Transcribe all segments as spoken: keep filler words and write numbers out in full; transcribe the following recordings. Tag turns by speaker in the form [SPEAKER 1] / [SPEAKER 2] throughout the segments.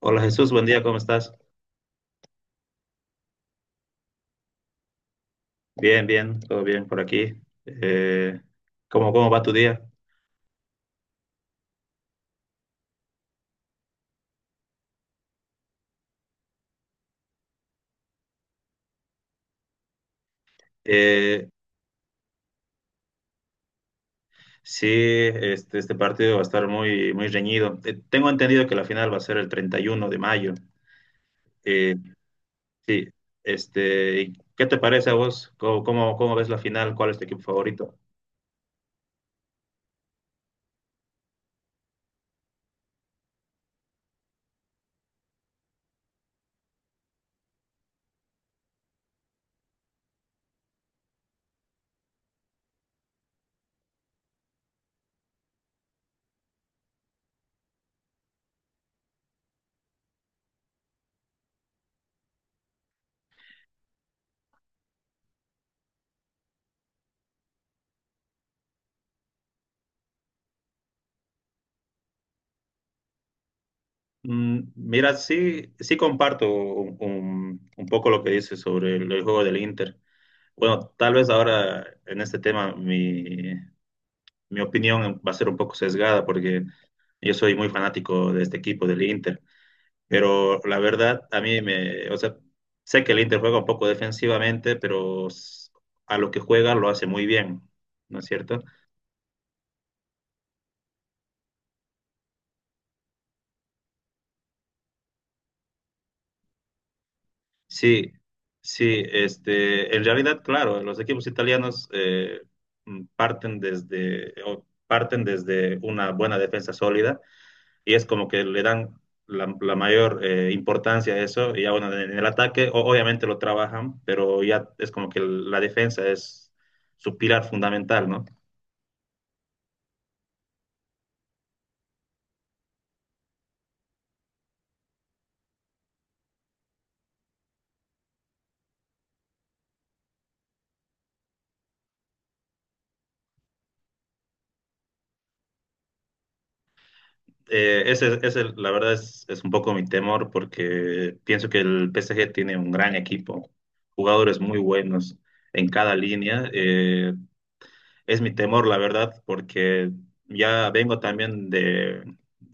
[SPEAKER 1] Hola Jesús, buen día, ¿cómo estás? Bien, bien, todo bien por aquí. Eh, ¿cómo, cómo va tu día? Eh, sí, este, este partido va a estar muy, muy reñido. Eh, tengo entendido que la final va a ser el treinta y uno de mayo. Eh, sí, este, ¿y ¿qué te parece a vos? ¿Cómo, cómo, cómo ves la final? ¿Cuál es tu equipo favorito? Mm, mira, sí, sí comparto un, un- un poco lo que dices sobre el, el juego del Inter. Bueno, tal vez ahora en este tema mi opinión va a ser un poco sesgada porque yo soy muy fanático de este equipo del Inter, pero la verdad a mí me, o sea, sé que el Inter juega un poco defensivamente, pero s- a lo que juega lo hace muy bien, ¿no es cierto? Sí, sí, este, en realidad, claro, los equipos italianos eh, mm, parten desde, o parten desde una buena defensa sólida y es como que le dan la, la mayor eh, importancia a eso, y ya bueno, en el ataque o- obviamente lo trabajan, pero ya es como que la defensa es su pilar fundamental, ¿no? Eh, ese, ese, la verdad es, es un poco mi temor porque pienso que el P S G tiene un gran equipo, jugadores muy buenos en cada línea. Eh, es mi temor, la verdad, porque ya vengo también de,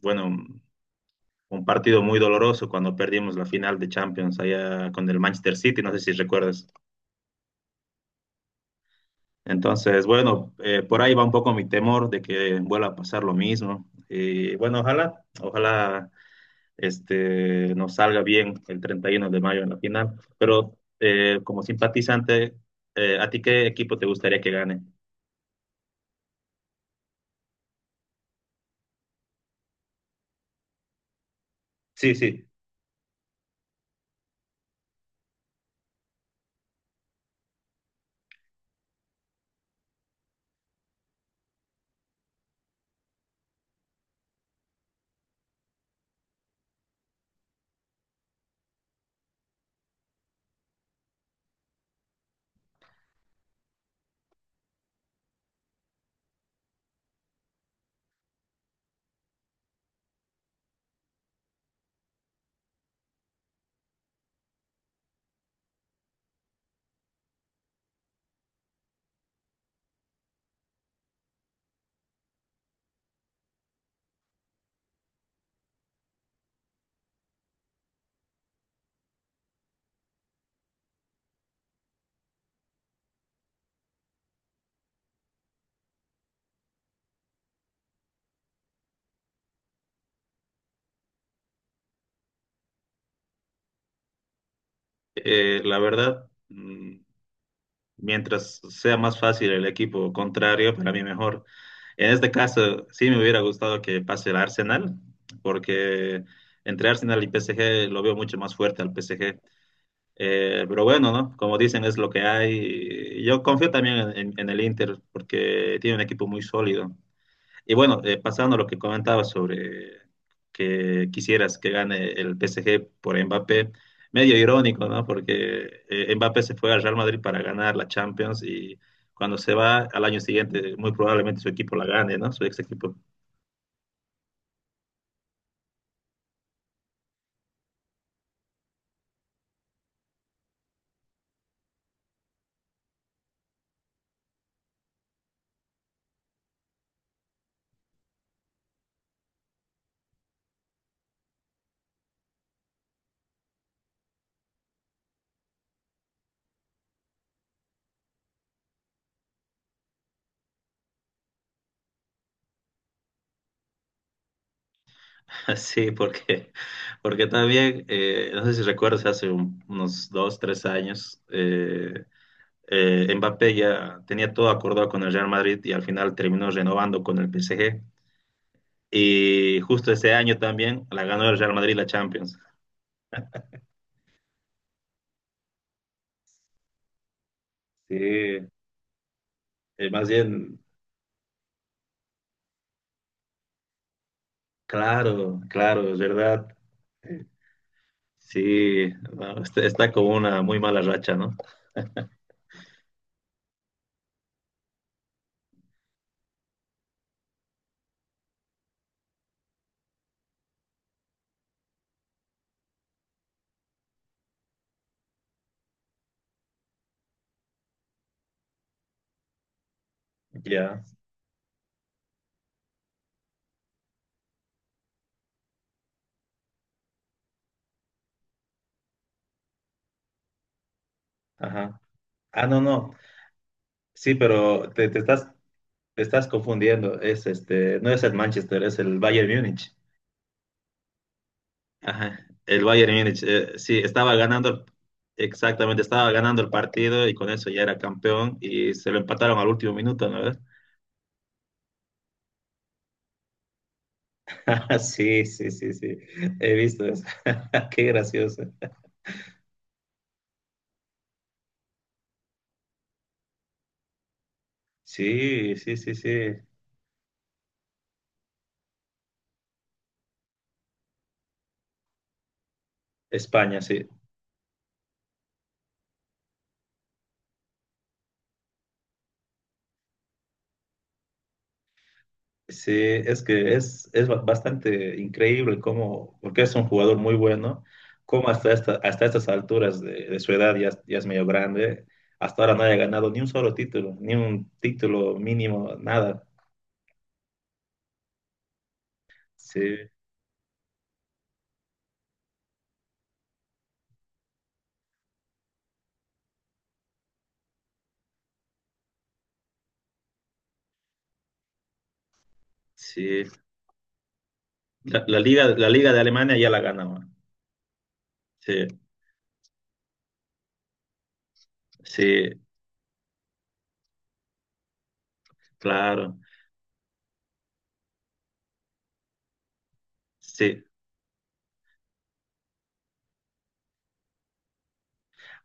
[SPEAKER 1] bueno, un partido muy doloroso cuando perdimos la final de Champions allá con el Manchester City, no sé si recuerdas. Entonces, bueno, eh, por ahí va un poco mi temor de que vuelva a pasar lo mismo. Y bueno, ojalá, ojalá este, nos salga bien el treinta y uno de mayo en la final. Pero eh, como simpatizante, eh, ¿a ti qué equipo te gustaría que gane? Sí, sí. Eh, la verdad, mm, mientras sea más fácil el equipo contrario, para mí mejor. En este caso, sí me hubiera gustado que pase el Arsenal, porque entre Arsenal y P S G lo veo mucho más fuerte al P S G. Eh, pero bueno, ¿no? Como dicen, es lo que hay. Yo confío también en, en el Inter, porque tiene un equipo muy sólido. Y bueno, eh, pasando a lo que comentabas sobre que quisieras que gane el P S G por Mbappé, medio irónico, ¿no? Porque eh, Mbappé se fue al Real Madrid para ganar la Champions y cuando se va al año siguiente, muy probablemente su equipo la gane, ¿no? Su ex equipo. Sí, porque, porque también, eh, no sé si recuerdas, hace un- unos dos, tres años, eh, eh, Mbappé ya tenía todo acordado con el Real Madrid y al final terminó renovando con el P S G. Y justo ese año también la ganó el Real Madrid la Champions. Sí, eh, más bien, claro, claro, es verdad. Eh, Sí, no, está, está con una muy mala racha, ¿no? Ya, ajá. Ah, no, no. Sí, pero te, te estás, te estás confundiendo. Es este, no es el Manchester, es el Bayern Múnich. Ajá. El Bayern Múnich, eh, sí, estaba ganando, exactamente, estaba ganando el partido y con eso ya era campeón y se lo empataron al último minuto, ¿no? Ah, sí, sí, sí, sí. He visto eso. Qué gracioso. Sí, sí, sí, sí. España, sí. Sí, es que es, es ba- bastante increíble cómo, porque es un jugador muy bueno, cómo hasta, esta- hasta estas alturas de, de su edad ya, es- ya es medio grande, hasta ahora no haya ganado ni un solo título, ni un título mínimo, nada. Sí, sí. La, la liga, la liga de Alemania ya la ganó. Sí, sí, claro. Sí.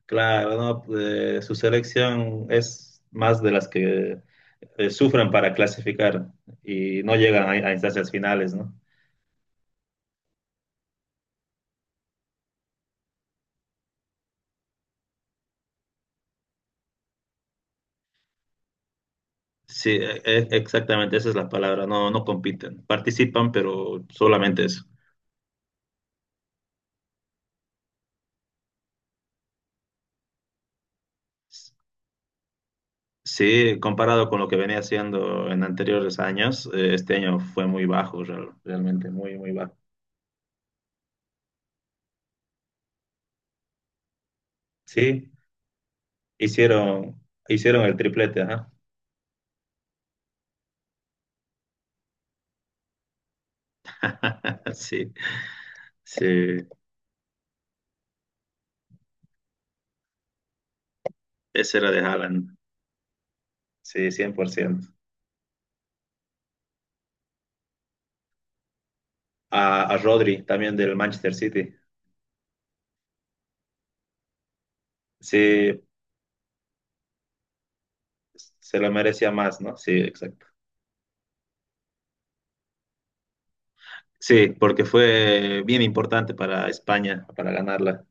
[SPEAKER 1] Claro, no, eh, su selección es más de las que eh, sufren para clasificar y no llegan a, a instancias finales, ¿no? Sí, e- e- exactamente, esa es la palabra, no, no compiten, participan, pero solamente eso. Sí, comparado con lo que venía haciendo en anteriores años, eh, este año fue muy bajo, real- realmente muy, muy bajo. Sí, hicieron, hicieron el triplete, ajá. Sí, sí, ese era de Haaland, sí, cien por ciento. A, a Rodri, también del Manchester City. Sí, se lo merecía más, ¿no? Sí, exacto. Sí, porque fue bien importante para España, para ganarla.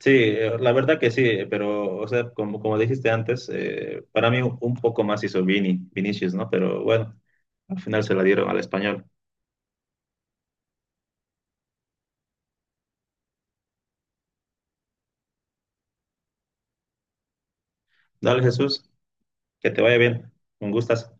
[SPEAKER 1] Sí, eh, la verdad que sí, pero, o sea, como, como dijiste antes, eh, para mí un, un poco más hizo Vini, Vinicius, ¿no? Pero bueno, al final se la dieron al español. Dale, Jesús, que te vaya bien. Un gustas.